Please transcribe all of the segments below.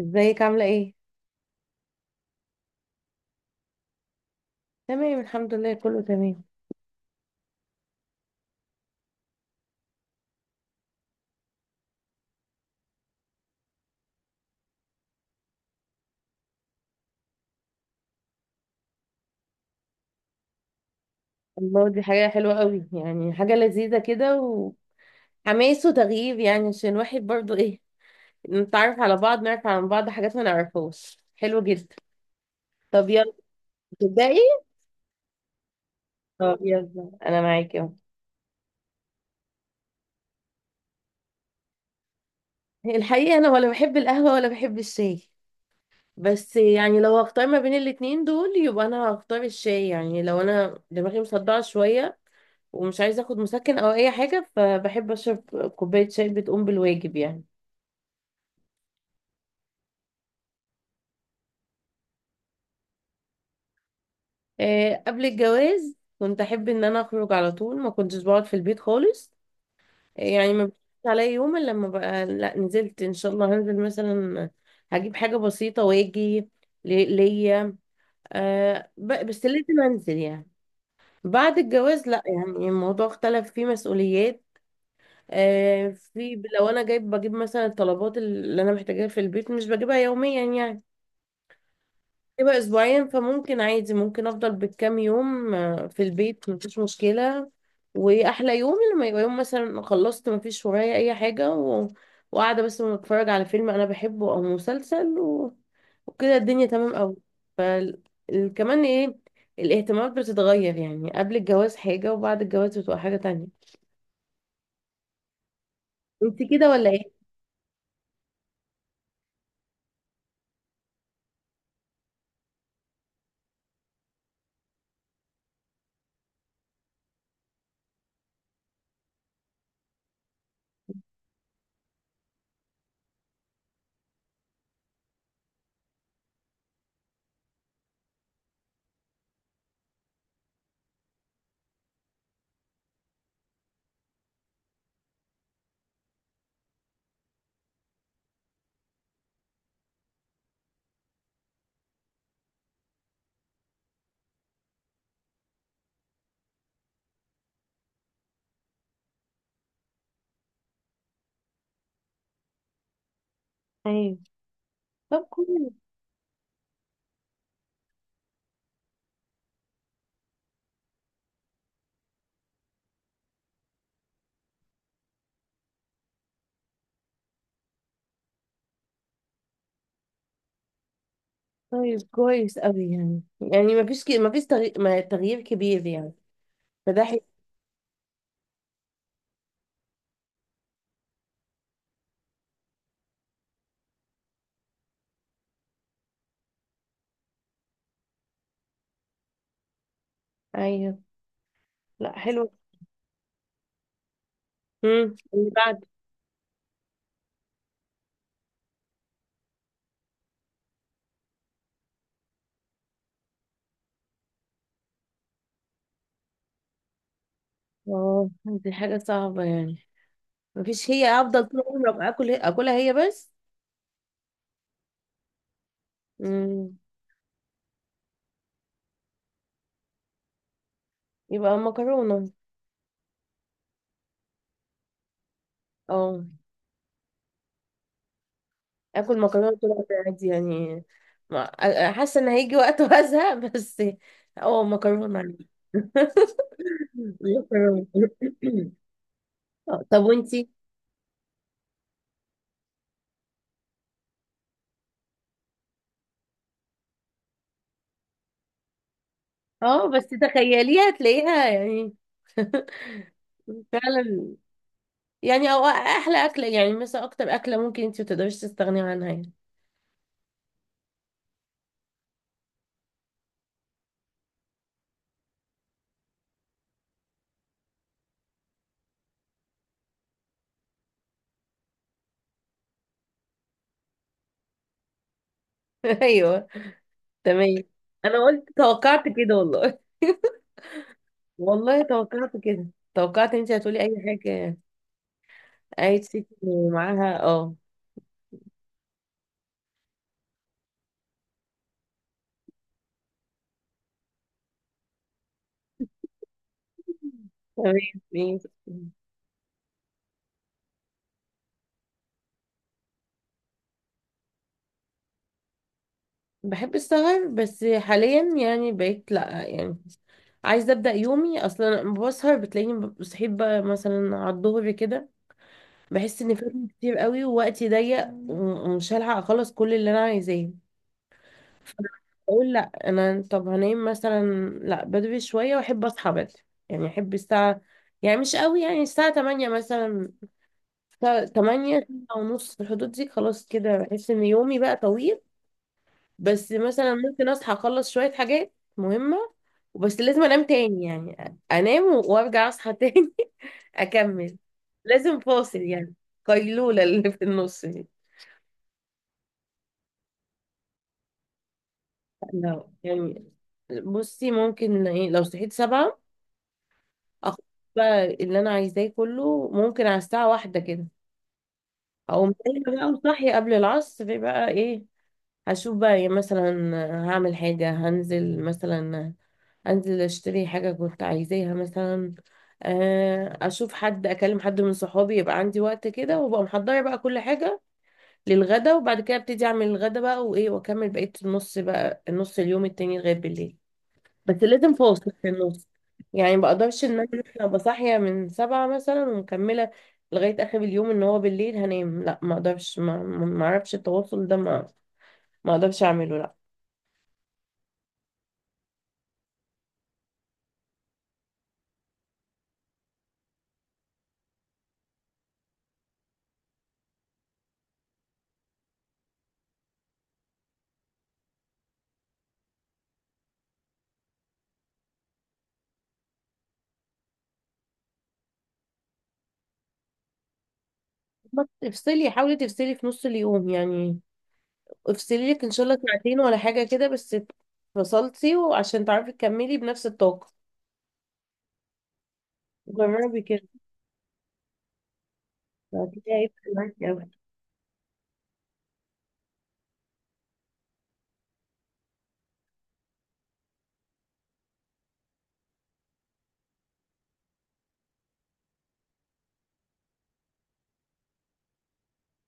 ازيك عاملة ايه؟ تمام الحمد لله، كله تمام. الله، دي حاجة حلوة قوي، يعني حاجة لذيذة كده وحماس وتغيير، يعني عشان الواحد برضو ايه، نتعرف على بعض، نعرف عن بعض حاجات ما نعرفهاش. حلو جدا. طب يلا تبدأي؟ طب يلا انا معاكي اهو. الحقيقة انا ولا بحب القهوة ولا بحب الشاي، بس يعني لو هختار ما بين الاتنين دول يبقى انا هختار الشاي. يعني لو انا دماغي مصدعة شوية ومش عايزة اخد مسكن او اي حاجة فبحب اشرب كوباية شاي بتقوم بالواجب يعني. قبل الجواز كنت احب ان انا اخرج على طول، ما كنتش بقعد في البيت خالص. يعني ما بيجيش عليا يوم الا لما بقى لا نزلت ان شاء الله، هنزل مثلا هجيب حاجه بسيطه واجي ليا. بس لازم انزل يعني. بعد الجواز لا، يعني الموضوع اختلف، فيه مسؤوليات. في لو انا جايب بجيب مثلا الطلبات اللي انا محتاجاها في البيت، مش بجيبها يوميا يعني، هيبقى اسبوعين، فممكن عادي ممكن افضل بالكام يوم في البيت مفيش مشكلة. واحلى يوم لما يبقى يوم مثلا خلصت مفيش ورايا اي حاجة وقاعدة بس بتفرج على فيلم انا بحبه او مسلسل وكده الدنيا تمام قوي. فال... كمان ايه، الاهتمامات بتتغير يعني، قبل الجواز حاجة وبعد الجواز بتبقى حاجة تانية. انت كده ولا ايه؟ ايوه، طب كويس. طيب كويس قوي، يعني يعني مفيش مفيش تغي... ما- تغيير كبير يعني، فده حلو. ايوه، لا حلو. امم، اللي بعد. اه دي حاجة صعبة يعني، مفيش هي افضل طول عمري أبقى اكل اكلها هي بس. امم، يبقى مكرونة. اه، اكل مكرونة طول عمري عادي يعني. حاسة ان هيجي وقت وازهق بس. اه مكرونة عادي. مكرونة طب وانتي؟ اه، بس تخيليها تلاقيها يعني. فعلا. يعني او احلى اكله، يعني مثلا اكتر اكله ممكن انت ما تقدريش تستغني عنها يعني. ايوه تمام. انا قلت توقعت كده والله. والله توقعت كده، توقعت انت هتقولي اي حاجه، عايز ست معاها. اه تمام، ماشي. بحب السهر، بس حاليا يعني بقيت لا، يعني عايزه ابدا يومي. اصلا لما بسهر بتلاقيني بصحيت بقى مثلا على الظهر كده، بحس ان فاتني كتير قوي ووقتي ضيق ومش هلحق اخلص كل اللي انا عايزاه. اقول لا، انا طب هنام مثلا لا بدري شويه واحب اصحى بدري، يعني احب الساعه، يعني مش قوي، يعني الساعه 8 مثلا، الساعة 8 ونص، في الحدود دي خلاص كده بحس ان يومي بقى طويل. بس مثلا ممكن اصحى اخلص شويه حاجات مهمه، وبس لازم انام تاني، يعني انام وارجع اصحى تاني. اكمل. لازم فاصل يعني، قيلوله اللي في النص دي. لا يعني، بصي ممكن ايه لو صحيت سبعة، اخد بقى اللي انا عايزاه كله، ممكن على الساعه واحدة كده اقوم نايمة بقى وصاحية قبل العصر بقى ايه، هشوف بقى إيه مثلا، هعمل حاجة، هنزل مثلا، انزل اشتري حاجة كنت عايزاها مثلا، اشوف حد، اكلم حد من صحابي، يبقى عندي وقت كده وابقى محضرة بقى كل حاجة للغدا، وبعد كده ابتدي اعمل الغدا بقى وايه، واكمل بقية النص بقى، النص اليوم التاني لغاية بالليل. بس لازم فاصل في النص، يعني ما بقدرش ان انا مثلا ابقى صاحيه من سبعة مثلا ومكمله لغايه اخر اليوم، ان هو بالليل هنام. لا ما اقدرش، ما اعرفش التواصل ده، ما ما اقدرش اعمله لا. بس افصلي، حاولي تفصلي في نص اليوم يعني، افصلي لك ان شاء الله ساعتين ولا حاجه كده، بس فصلتي وعشان تعرفي تكملي بنفس الطاقه. جربي كده، هتلاقي هيفرق معاكي أوي.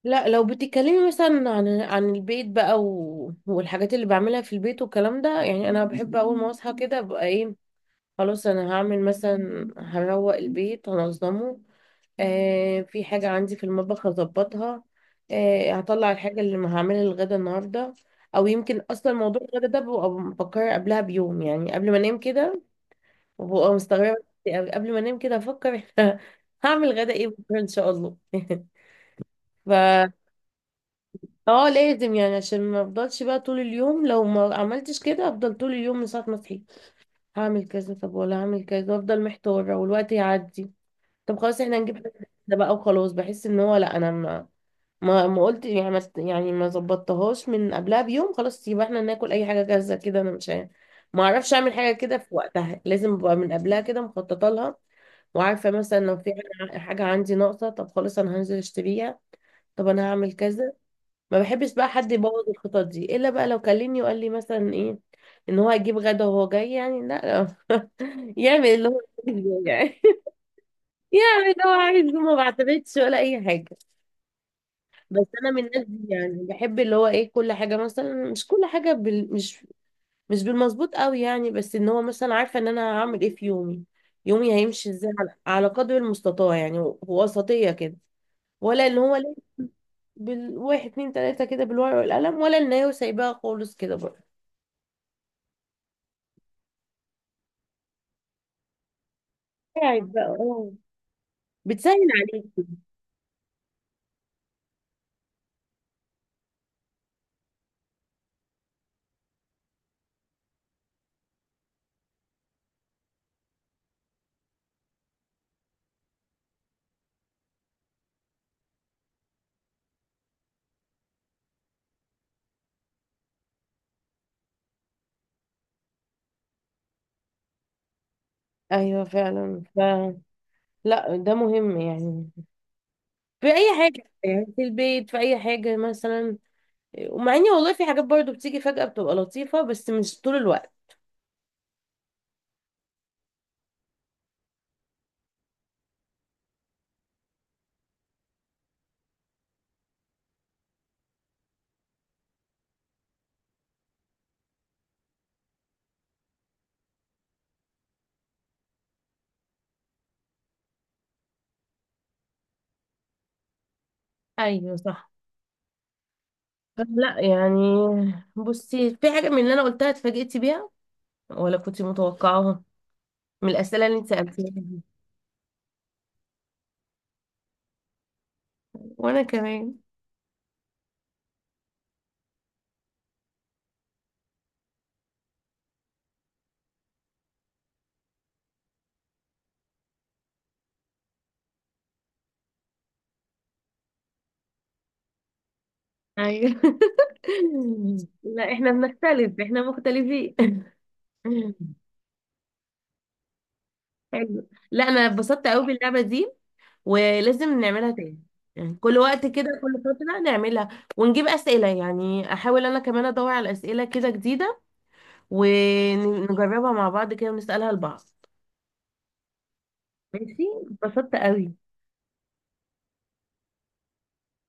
لا لو بتتكلمي مثلا عن عن البيت بقى والحاجات اللي بعملها في البيت والكلام ده، يعني انا بحب اول ما اصحى كده ابقى ايه، خلاص انا هعمل مثلا، هروق البيت، هنظمه، آه في حاجة عندي في المطبخ هظبطها، آه هطلع الحاجة اللي ما هعملها الغدا النهاردة. او يمكن اصلا موضوع الغدا ده ببقى بفكر قبلها بيوم، يعني قبل ما انام كده، وببقى مستغربة نفسي أوي، قبل ما انام كده افكر هعمل غدا ايه بكره ان شاء الله. ف، اه لازم يعني، عشان ما افضلش بقى طول اليوم، لو ما عملتش كده افضل طول اليوم من ساعة ما صحيت هعمل كذا، طب ولا هعمل كذا، وافضل محتارة والوقت يعدي. طب خلاص احنا هنجيب حاجة جديدة بقى، وخلاص بحس ان هو لا، انا ما قلت، يعني ما است- يعني ما ظبطتهاش من قبلها بيوم، خلاص يبقى احنا ناكل اي حاجة جاهزة كده، انا مش عارف- ما اعرفش اعمل حاجة كده في وقتها، لازم ابقى من قبلها كده مخططة لها، وعارفة مثلا لو في حاجة حاجة عندي ناقصة، طب خلاص انا هنزل اشتريها، طب انا هعمل كذا. ما بحبش بقى حد يبوظ الخطط دي الا بقى لو كلمني وقال لي مثلا ايه، ان هو هيجيب غدا وهو جاي، يعني لا لا، يعمل اللي هو عايزه يعني يعمل اللي هو عايزه، ما بعتمدش ولا اي حاجه. بس انا من الناس دي، يعني بحب اللي هو ايه، كل حاجه مثلا، مش مش بالمظبوط قوي يعني، بس ان هو مثلا عارفه ان انا هعمل ايه في يومي، يومي هيمشي ازاي على على قدر المستطاع يعني، وسطيه كده، ولا اللي هو بالواحد اتنين تلاتة كده بالورقة والقلم، ولا النايه وسايباها خالص كده برضه. قاعد بقى، اه بتسهل عليكي. ايوه فعلا، ف لا ده مهم يعني، في اي حاجه يعني في البيت، في اي حاجه مثلا. ومع اني والله في حاجات برضو بتيجي فجاه بتبقى لطيفه، بس مش طول الوقت. ايوه صح، لا يعني بصي، في حاجه من اللي انا قلتها اتفاجئتي بيها، ولا كنت متوقعاها من الاسئله اللي انت سالتيها دي؟ وانا كمان ايوه. لا احنا بنختلف، احنا مختلفين. حلو، لا انا اتبسطت قوي باللعبه دي، ولازم نعملها تاني، يعني كل وقت كده كل فتره نعملها، ونجيب اسئله، يعني احاول انا كمان ادور على اسئله كده جديده، ونجربها مع بعض كده ونسالها لبعض. ماشي، اتبسطت قوي.